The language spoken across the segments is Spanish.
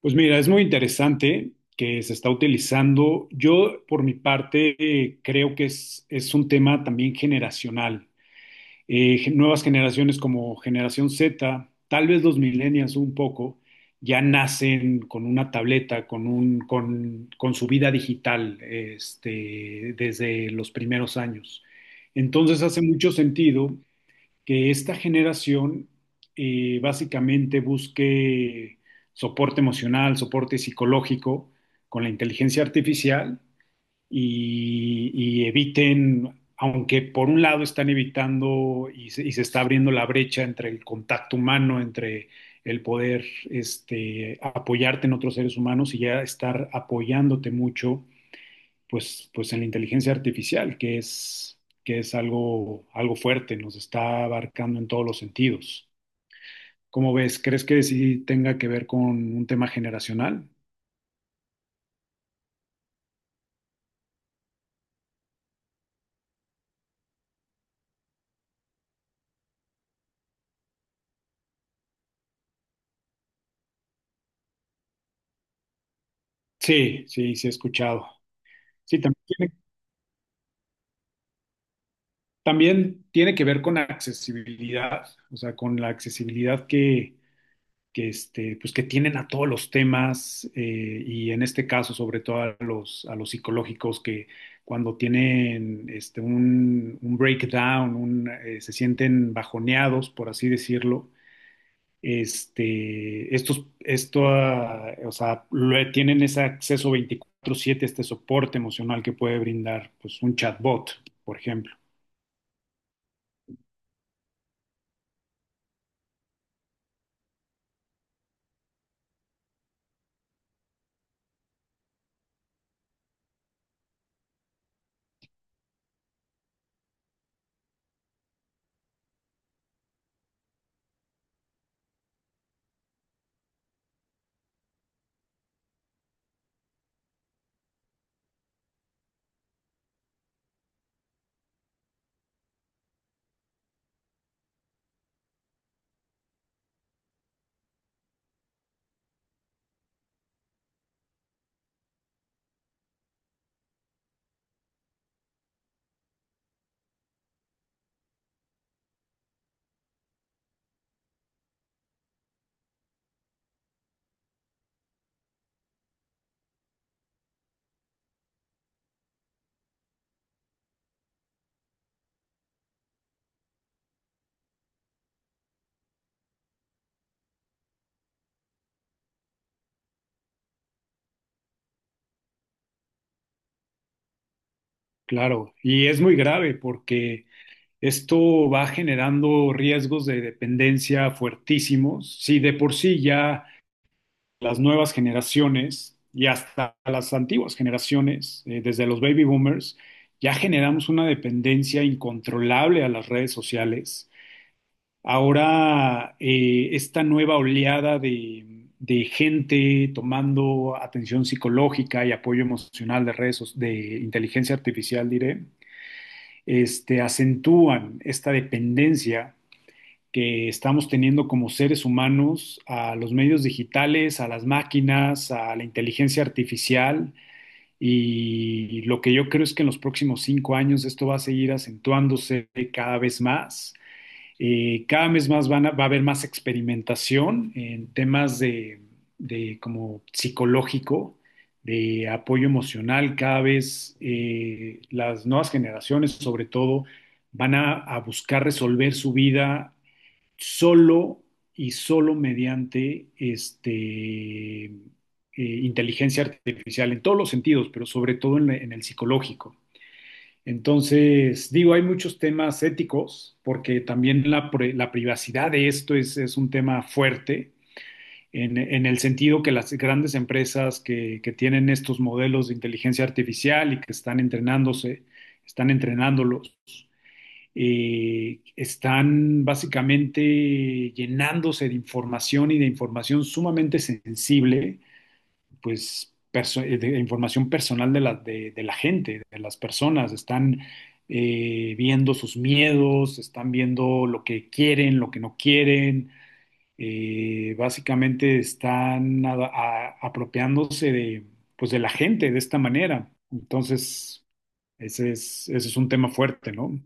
Pues mira, es muy interesante que se está utilizando. Yo, por mi parte, creo que es un tema también generacional. Nuevas generaciones como generación Z, tal vez los millennials un poco, ya nacen con una tableta, con su vida digital, desde los primeros años. Entonces hace mucho sentido que esta generación básicamente busque soporte emocional, soporte psicológico con la inteligencia artificial y, eviten, aunque por un lado están evitando está abriendo la brecha entre el contacto humano, entre el poder apoyarte en otros seres humanos y ya estar apoyándote mucho, pues en la inteligencia artificial, que es algo fuerte, nos está abarcando en todos los sentidos. ¿Cómo ves? ¿Crees que sí tenga que ver con un tema generacional? Sí, sí, sí he escuchado. Sí, también tiene que ver con accesibilidad, o sea, con la accesibilidad que, pues que tienen a todos los temas, y en este caso sobre todo a los psicológicos que cuando tienen un breakdown, se sienten bajoneados, por así decirlo, o sea, tienen ese acceso 24/7, soporte emocional que puede brindar, pues, un chatbot, por ejemplo. Claro, y es muy grave porque esto va generando riesgos de dependencia fuertísimos. Si de por sí ya las nuevas generaciones y hasta las antiguas generaciones, desde los baby boomers, ya generamos una dependencia incontrolable a las redes sociales. Ahora, esta nueva oleada de gente tomando atención psicológica y apoyo emocional de inteligencia artificial, diré, acentúan esta dependencia que estamos teniendo como seres humanos a los medios digitales, a las máquinas, a la inteligencia artificial. Y lo que yo creo es que en los próximos 5 años esto va a seguir acentuándose cada vez más. Cada vez más va a haber más experimentación en temas de como psicológico, de apoyo emocional. Cada vez, las nuevas generaciones, sobre todo, van a buscar resolver su vida solo, y solo mediante inteligencia artificial en todos los sentidos, pero sobre todo en, en el psicológico. Entonces, digo, hay muchos temas éticos, porque también la privacidad de esto es un tema fuerte, en el sentido que las grandes empresas que tienen estos modelos de inteligencia artificial y que están entrenándolos, están básicamente llenándose de información y de información sumamente sensible, pues de información personal de la gente, de las personas, están, viendo sus miedos, están viendo lo que quieren, lo que no quieren, básicamente están apropiándose de, pues, de la gente de esta manera. Entonces, ese es un tema fuerte, ¿no?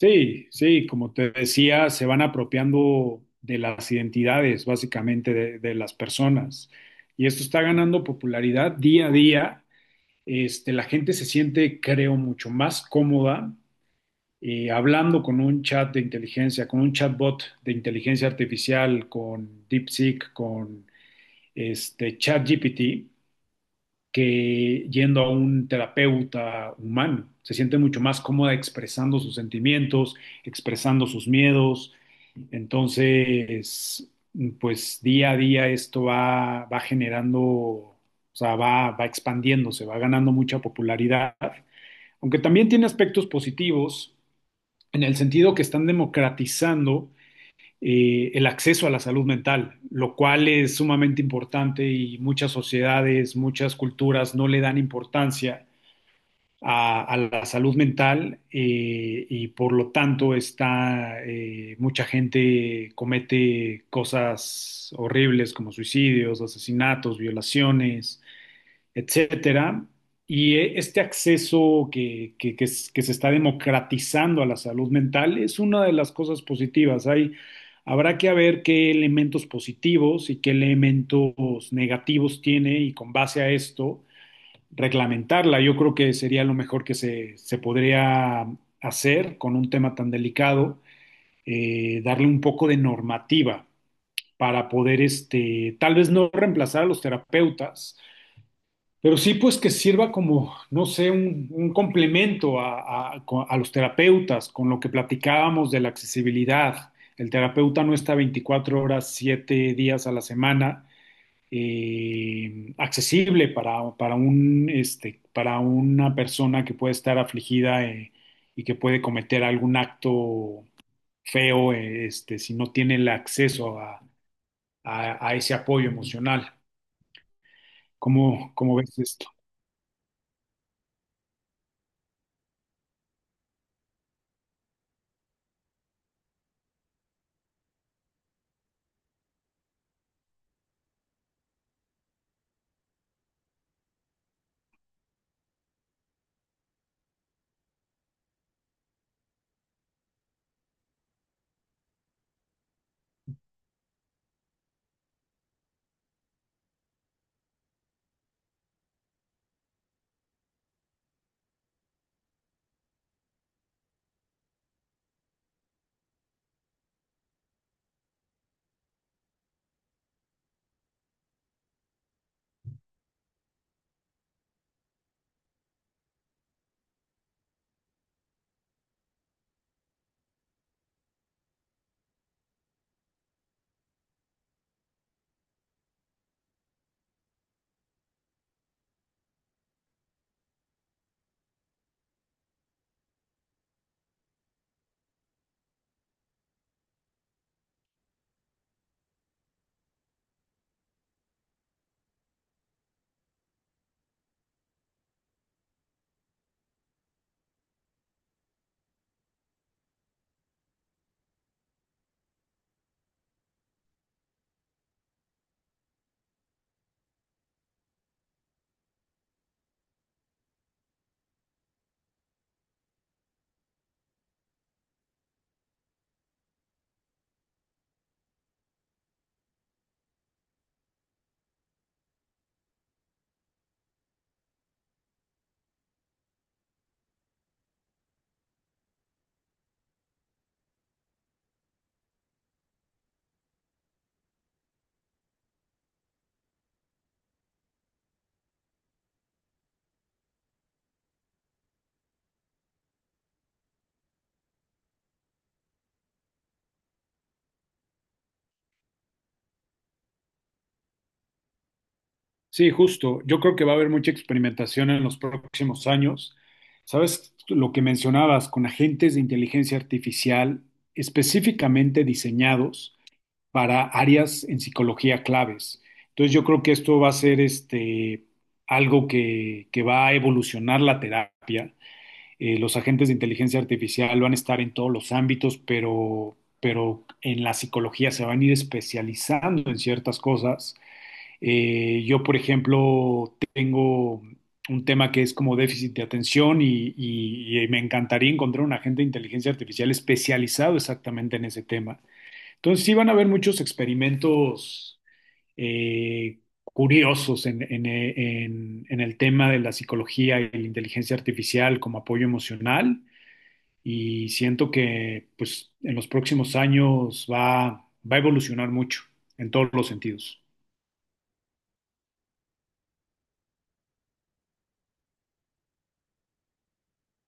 Sí, sí, como te decía, se van apropiando de las identidades, básicamente, de las personas. Y esto está ganando popularidad día a día. La gente se siente, creo, mucho más cómoda, hablando con un chatbot de inteligencia artificial, con DeepSeek, con ChatGPT, que yendo a un terapeuta humano. Se siente mucho más cómoda expresando sus sentimientos, expresando sus miedos. Entonces, pues día a día esto va, va generando, o sea, va expandiéndose, va ganando mucha popularidad, aunque también tiene aspectos positivos en el sentido que están democratizando, el acceso a la salud mental, lo cual es sumamente importante, y muchas sociedades, muchas culturas no le dan importancia a la salud mental, y por lo tanto mucha gente comete cosas horribles como suicidios, asesinatos, violaciones, etcétera. Y este acceso que se está democratizando a la salud mental es una de las cosas positivas. Habrá que ver qué elementos positivos y qué elementos negativos tiene, y con base a esto reglamentarla. Yo creo que sería lo mejor que se podría hacer con un tema tan delicado: darle un poco de normativa para poder, tal vez no reemplazar a los terapeutas, pero sí, pues que sirva como, no sé, un complemento a, a los terapeutas, con lo que platicábamos de la accesibilidad. El terapeuta no está 24 horas, 7 días a la semana, accesible para una persona que puede estar afligida, y que puede cometer algún acto feo, si no tiene el acceso a, a ese apoyo emocional. ¿Cómo ves esto? Sí, justo. Yo creo que va a haber mucha experimentación en los próximos años. ¿Sabes lo que mencionabas? Con agentes de inteligencia artificial específicamente diseñados para áreas en psicología claves. Entonces yo creo que esto va a ser, algo que va a evolucionar la terapia. Los agentes de inteligencia artificial van a estar en todos los ámbitos, pero, en la psicología se van a ir especializando en ciertas cosas. Yo, por ejemplo, tengo un tema que es como déficit de atención, y me encantaría encontrar un agente de inteligencia artificial especializado exactamente en ese tema. Entonces, sí van a haber muchos experimentos, curiosos en, en el tema de la psicología y la inteligencia artificial como apoyo emocional, y siento que, pues, en los próximos años va a evolucionar mucho en todos los sentidos.